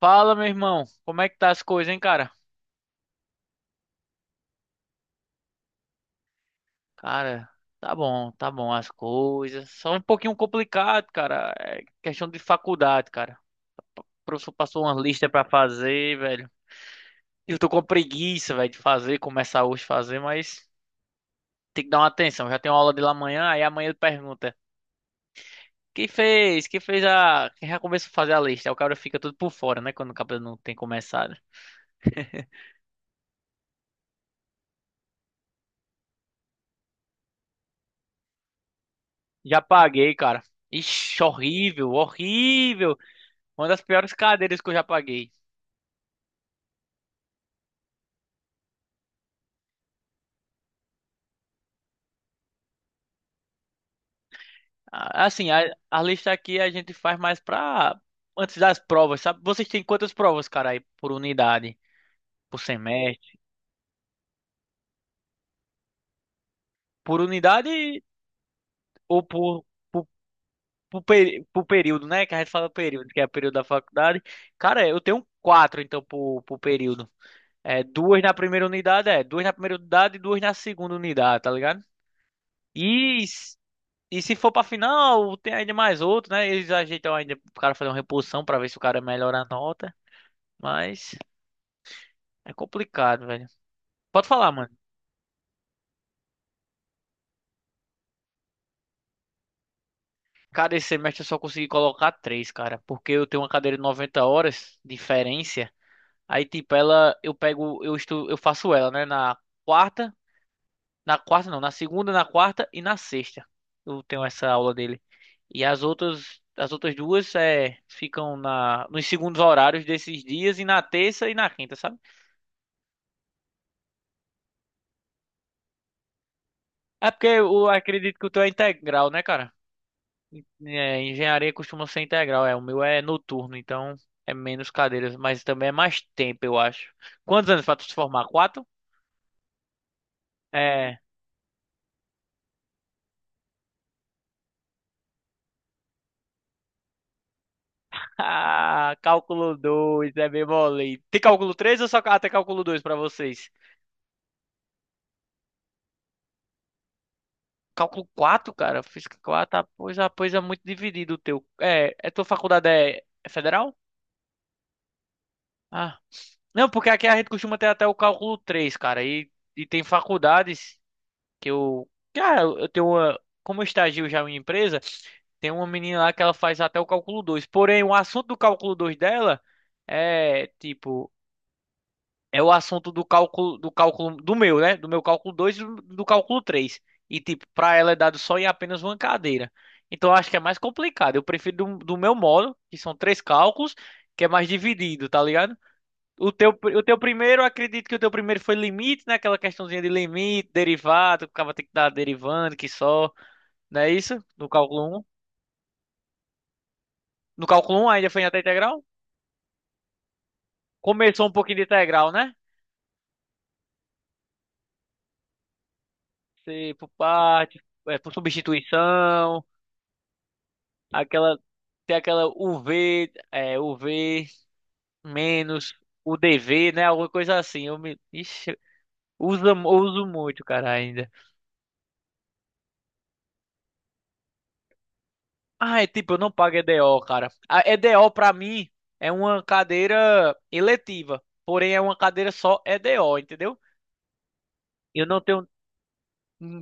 Fala, meu irmão. Como é que tá as coisas, hein, cara? Cara, tá bom as coisas. Só um pouquinho complicado, cara. É questão de faculdade, cara. O professor passou uma lista pra fazer, velho. Eu tô com preguiça, velho, de fazer, começar hoje a fazer, mas tem que dar uma atenção. Já tem uma aula de lá amanhã, aí amanhã ele pergunta: Quem fez? Quem fez a. Quem já começou a fazer a lista? Aí o cara fica tudo por fora, né? Quando o cabelo não tem começado. Já paguei, cara. Ixi, horrível, horrível. Uma das piores cadeiras que eu já paguei. Assim, a lista aqui a gente faz mais pra antes das provas, sabe? Vocês têm quantas provas, cara, aí por unidade, por semestre, por unidade ou por, por período, né? Que a gente fala período, que é o período da faculdade. Cara, eu tenho quatro, então, por período. Duas na primeira unidade, duas na primeira unidade e duas na segunda unidade, tá ligado? E, s- e se for pra final, tem ainda mais outro, né? Eles ajeitam ainda pro cara fazer uma reposição pra ver se o cara melhora a nota, mas. É complicado, velho. Pode falar, mano. Cara, esse semestre eu só consegui colocar três, cara. Porque eu tenho uma cadeira de 90 horas, de diferença. Aí, tipo, ela, eu pego, eu estu, eu faço ela, né? Quarta, na quarta não, na segunda, na quarta e na sexta. Eu tenho essa aula dele. E as outras, duas ficam na, nos segundos horários desses dias e na terça e na quinta, sabe? É porque eu acredito que o teu é integral, né, cara? É, engenharia costuma ser integral, é. O meu é noturno, então é menos cadeiras, mas também é mais tempo, eu acho. Quantos anos para tu se formar? Quatro? É. Ah, cálculo 2, é bem mole. Tem cálculo 3? Ou só até cálculo 2 para vocês? Cálculo 4, cara. Física quatro, pois é muito dividido o teu. É tua faculdade é federal? Ah. Não, porque aqui a gente costuma ter até o cálculo 3, cara. E tem faculdades. Que eu, cara, eu tenho uma, como eu estagio já em uma empresa, tem uma menina lá que ela faz até o cálculo dois. Porém, o assunto do cálculo 2 dela é tipo, é o assunto do cálculo do meu, né? Do meu cálculo 2 e do cálculo três. E tipo, para ela é dado só em apenas uma cadeira. Então eu acho que é mais complicado. Eu prefiro do meu modo, que são três cálculos, que é mais dividido, tá ligado? O teu primeiro, eu acredito que o teu primeiro foi limite, né? Aquela questãozinha de limite, derivado, que o cara tem que dar derivando, que só, não é isso? No cálculo um. No cálculo um ainda foi até integral? Começou um pouquinho de integral, né? Se por parte, é, por substituição, aquela, tem aquela U v U v menos UDV, né? Alguma coisa assim. Ixi, eu uso muito, cara, ainda. Ah, é tipo, eu não pago EDO, cara. A EDO pra mim é uma cadeira eletiva, porém é uma cadeira só EDO, entendeu? Eu não tenho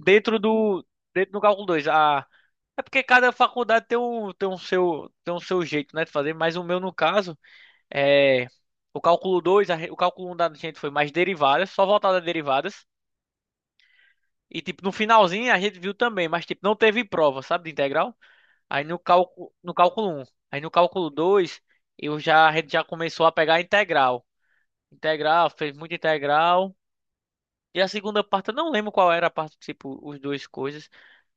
dentro do dentro do cálculo 2. Ah, é porque cada faculdade tem um tem um seu jeito, né, de fazer, mas o meu no caso é o cálculo 2, o cálculo 1 da gente foi mais derivadas, só voltada a derivadas. E tipo, no finalzinho a gente viu também, mas tipo, não teve prova, sabe, de integral? Aí no cálculo um. Aí no cálculo 2 eu já, a gente já começou a pegar a integral. Integral, fez muita integral. E a segunda parte, eu não lembro qual era a parte, tipo, os dois coisas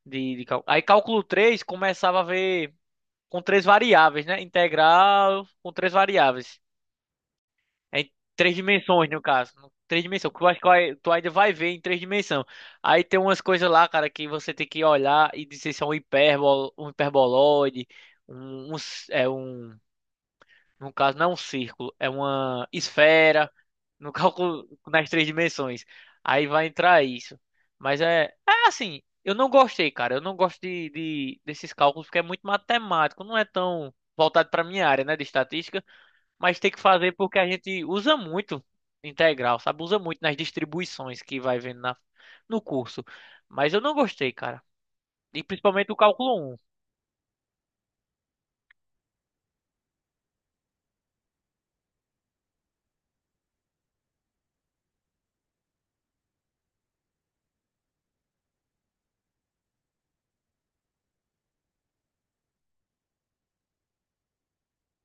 de cálculo. Aí cálculo 3 começava a ver com três variáveis, né? Integral com três variáveis. Em três dimensões, no caso. Três dimensões, que eu acho que tu ainda vai ver em três dimensões. Aí tem umas coisas lá, cara, que você tem que olhar e dizer se é um hipérbolo, um hiperboloide, um, um, s- é, um no caso, não é um círculo, é uma esfera, no cálculo nas três dimensões. Aí vai entrar isso. Mas é assim, eu não gostei, cara. Eu não gosto desses cálculos porque é muito matemático, não é tão voltado para minha área, né, de estatística, mas tem que fazer porque a gente usa muito integral, sabe? Usa muito nas distribuições que vai vendo na, no curso. Mas eu não gostei, cara. E principalmente o cálculo um.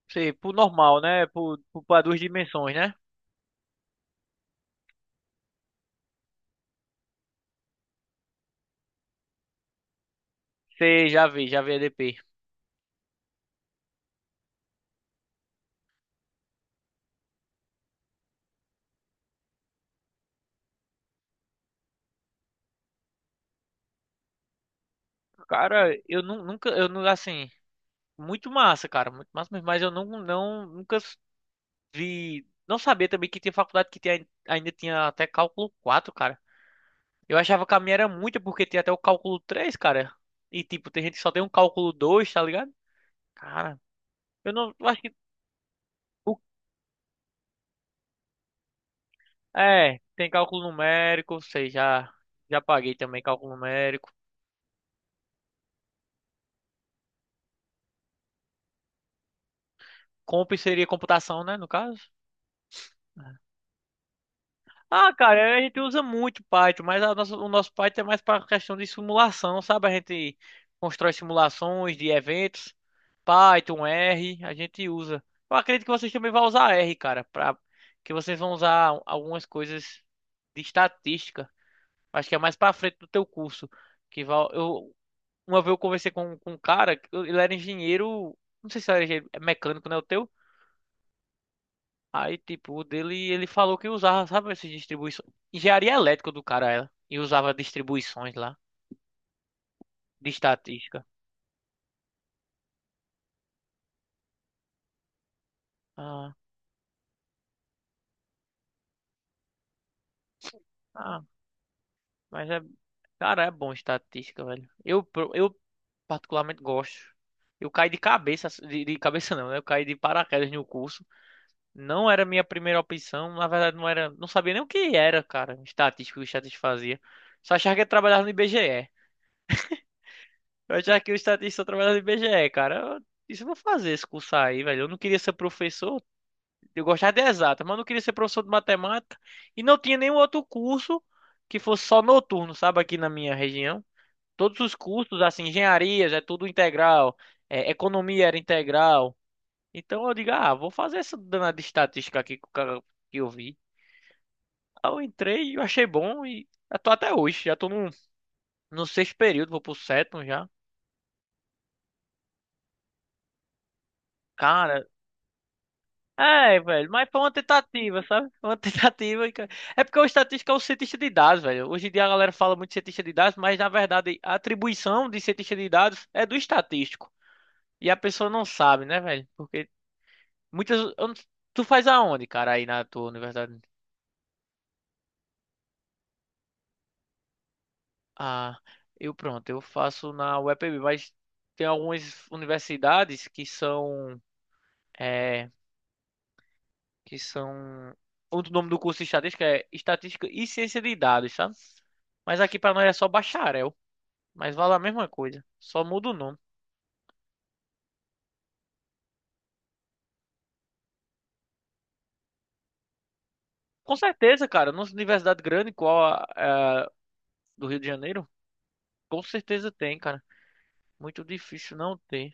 Sei, por normal, né? Pra duas dimensões, né? Você já vê EDP. Cara, eu nunca, eu não, assim, muito massa, cara, muito massa mesmo, mas eu nunca vi, não sabia também que tinha faculdade que tinha, ainda tinha até cálculo quatro, cara. Eu achava que a minha era muita porque tinha até o cálculo três, cara. E tipo, tem gente que só tem um cálculo dois, tá ligado? Cara, eu não, eu acho que, o- tem cálculo numérico, sei, já paguei também cálculo numérico. Comp seria computação, né, no caso? Ah, cara, a gente usa muito Python, mas o nosso Python é mais para questão de simulação, sabe? A gente constrói simulações de eventos, Python, R, a gente usa. Eu acredito que vocês também vão usar R, cara, para que vocês vão usar algumas coisas de estatística. Acho que é mais para frente do teu curso, que vai, eu uma vez eu conversei com um cara, ele era engenheiro, não sei se era engenheiro mecânico, né, o teu? Aí, tipo, o dele, ele falou que usava, sabe, essas distribuições. Engenharia elétrica do cara, ela. E usava distribuições lá, de estatística. Ah, ah, mas é. Cara, é bom estatística, velho. Eu particularmente gosto. Eu caí de cabeça, assim, de cabeça não, né? Eu caí de paraquedas no curso. Não era minha primeira opção, na verdade não era, não sabia nem o que era, cara, estatística, o que estatística fazia. Só achava que ia trabalhar no IBGE. Eu já que o estatista trabalha no IBGE, cara. Isso eu vou fazer esse curso aí, velho. Eu não queria ser professor. Eu gostava de exatas, mas eu não queria ser professor de matemática. E não tinha nenhum outro curso que fosse só noturno, sabe? Aqui na minha região. Todos os cursos, assim, engenharias, é tudo integral. Economia era integral. Então eu digo, ah, vou fazer essa danada de estatística aqui que eu vi. Aí eu entrei e eu achei bom e já tô até hoje. Já tô no, sexto período, vou pro sétimo já. Cara, é, velho, mas foi uma tentativa, sabe? Foi uma tentativa. É porque o estatístico é o cientista de dados, velho. Hoje em dia a galera fala muito de cientista de dados, mas na verdade a atribuição de cientista de dados é do estatístico. E a pessoa não sabe, né, velho? Porque muitas. Eu não- Tu faz aonde, cara, aí na tua universidade? Ah, eu pronto, eu faço na UEPB, mas tem algumas universidades que são. que são. Outro nome do curso de estatística é Estatística e Ciência de Dados, sabe? Mas aqui pra nós é só bacharel. Mas vale a mesma coisa. Só muda o nome. Com certeza, cara. Numa universidade grande, igual a do Rio de Janeiro, com certeza tem, cara. Muito difícil não ter.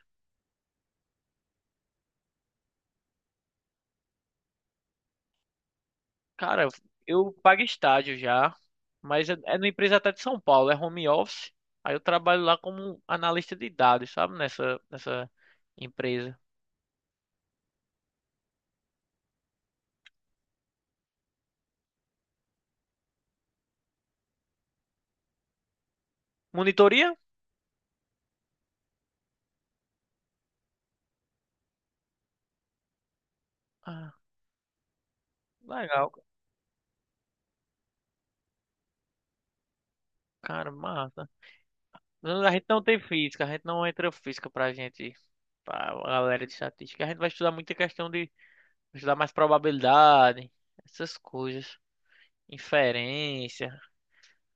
Cara, eu pago estágio já. Mas é numa empresa até de São Paulo. É home office. Aí eu trabalho lá como analista de dados, sabe? Nessa empresa. Monitoria? Ah, legal. Cara, massa. Não, a gente não tem física, a gente não entra física pra gente, pra galera de estatística. A gente vai estudar muita questão de estudar mais probabilidade, essas coisas, inferência.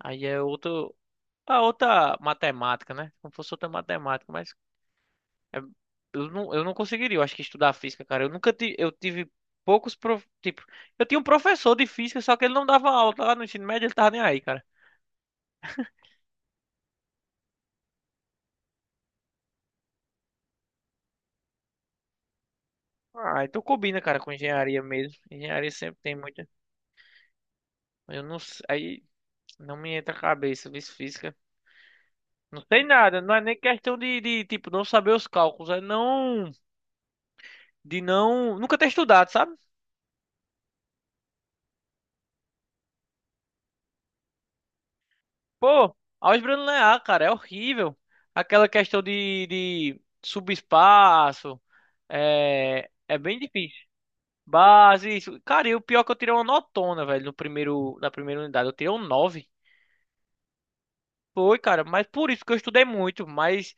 Aí é outro, a outra matemática, né? Como fosse outra matemática, mas é- eu não conseguiria, eu acho que estudar física, cara. Eu nunca tive, eu tive poucos, tipo, eu tinha um professor de física, só que ele não dava aula lá no ensino médio, ele tava nem aí, cara. Ah, então combina, cara, com engenharia mesmo. Engenharia sempre tem muita. Eu não sei. Não me entra a cabeça, vice física. Não sei nada, não é nem questão tipo, não saber os cálculos, é não, de não, nunca ter estudado, sabe? Pô, álgebra linear, cara, é horrível. Aquela questão de subespaço, é bem difícil. Base, isso. Cara, e o pior é que eu tirei uma notona, velho, no primeiro, na primeira unidade, eu tirei um 9. Foi, cara, mas por isso que eu estudei muito, mas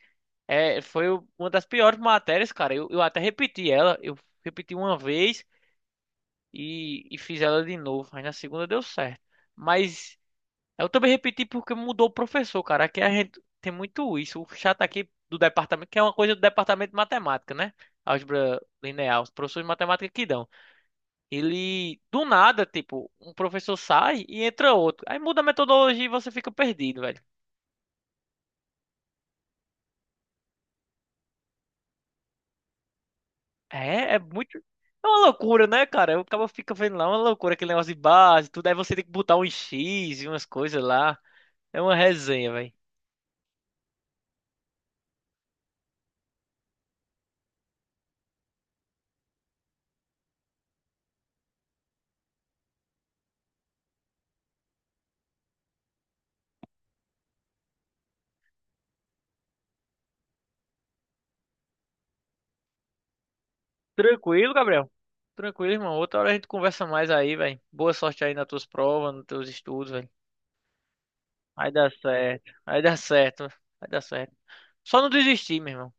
uma das piores matérias, cara. Eu até repeti ela, eu repeti uma vez, e fiz ela de novo. Aí na segunda deu certo. Mas eu também repeti porque mudou o professor, cara. Aqui a gente tem muito isso. O chato aqui do departamento, que é uma coisa do departamento de matemática, né? Álgebra linear, os professores de matemática que dão. Ele, do nada, tipo, um professor sai e entra outro. Aí muda a metodologia e você fica perdido, velho. É muito. É uma loucura, né, cara? O cara fica vendo lá é uma loucura, aquele negócio de base, tudo. Aí você tem que botar um X e umas coisas lá. É uma resenha, velho. Tranquilo, Gabriel? Tranquilo, irmão. Outra hora a gente conversa mais aí, velho. Boa sorte aí nas tuas provas, nos teus estudos, velho. Vai dar certo. Vai dar certo. Vai dar certo. Só não desistir, meu irmão.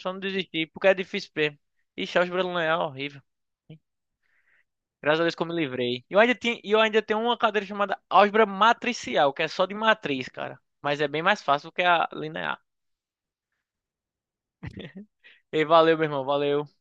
Só não desistir, porque é difícil mesmo. Ixi, álgebra linear é horrível. Graças a Deus que eu me livrei. E eu ainda tinha, e eu ainda tenho uma cadeira chamada álgebra matricial, que é só de matriz, cara. Mas é bem mais fácil do que a linear. E valeu, meu irmão. Valeu.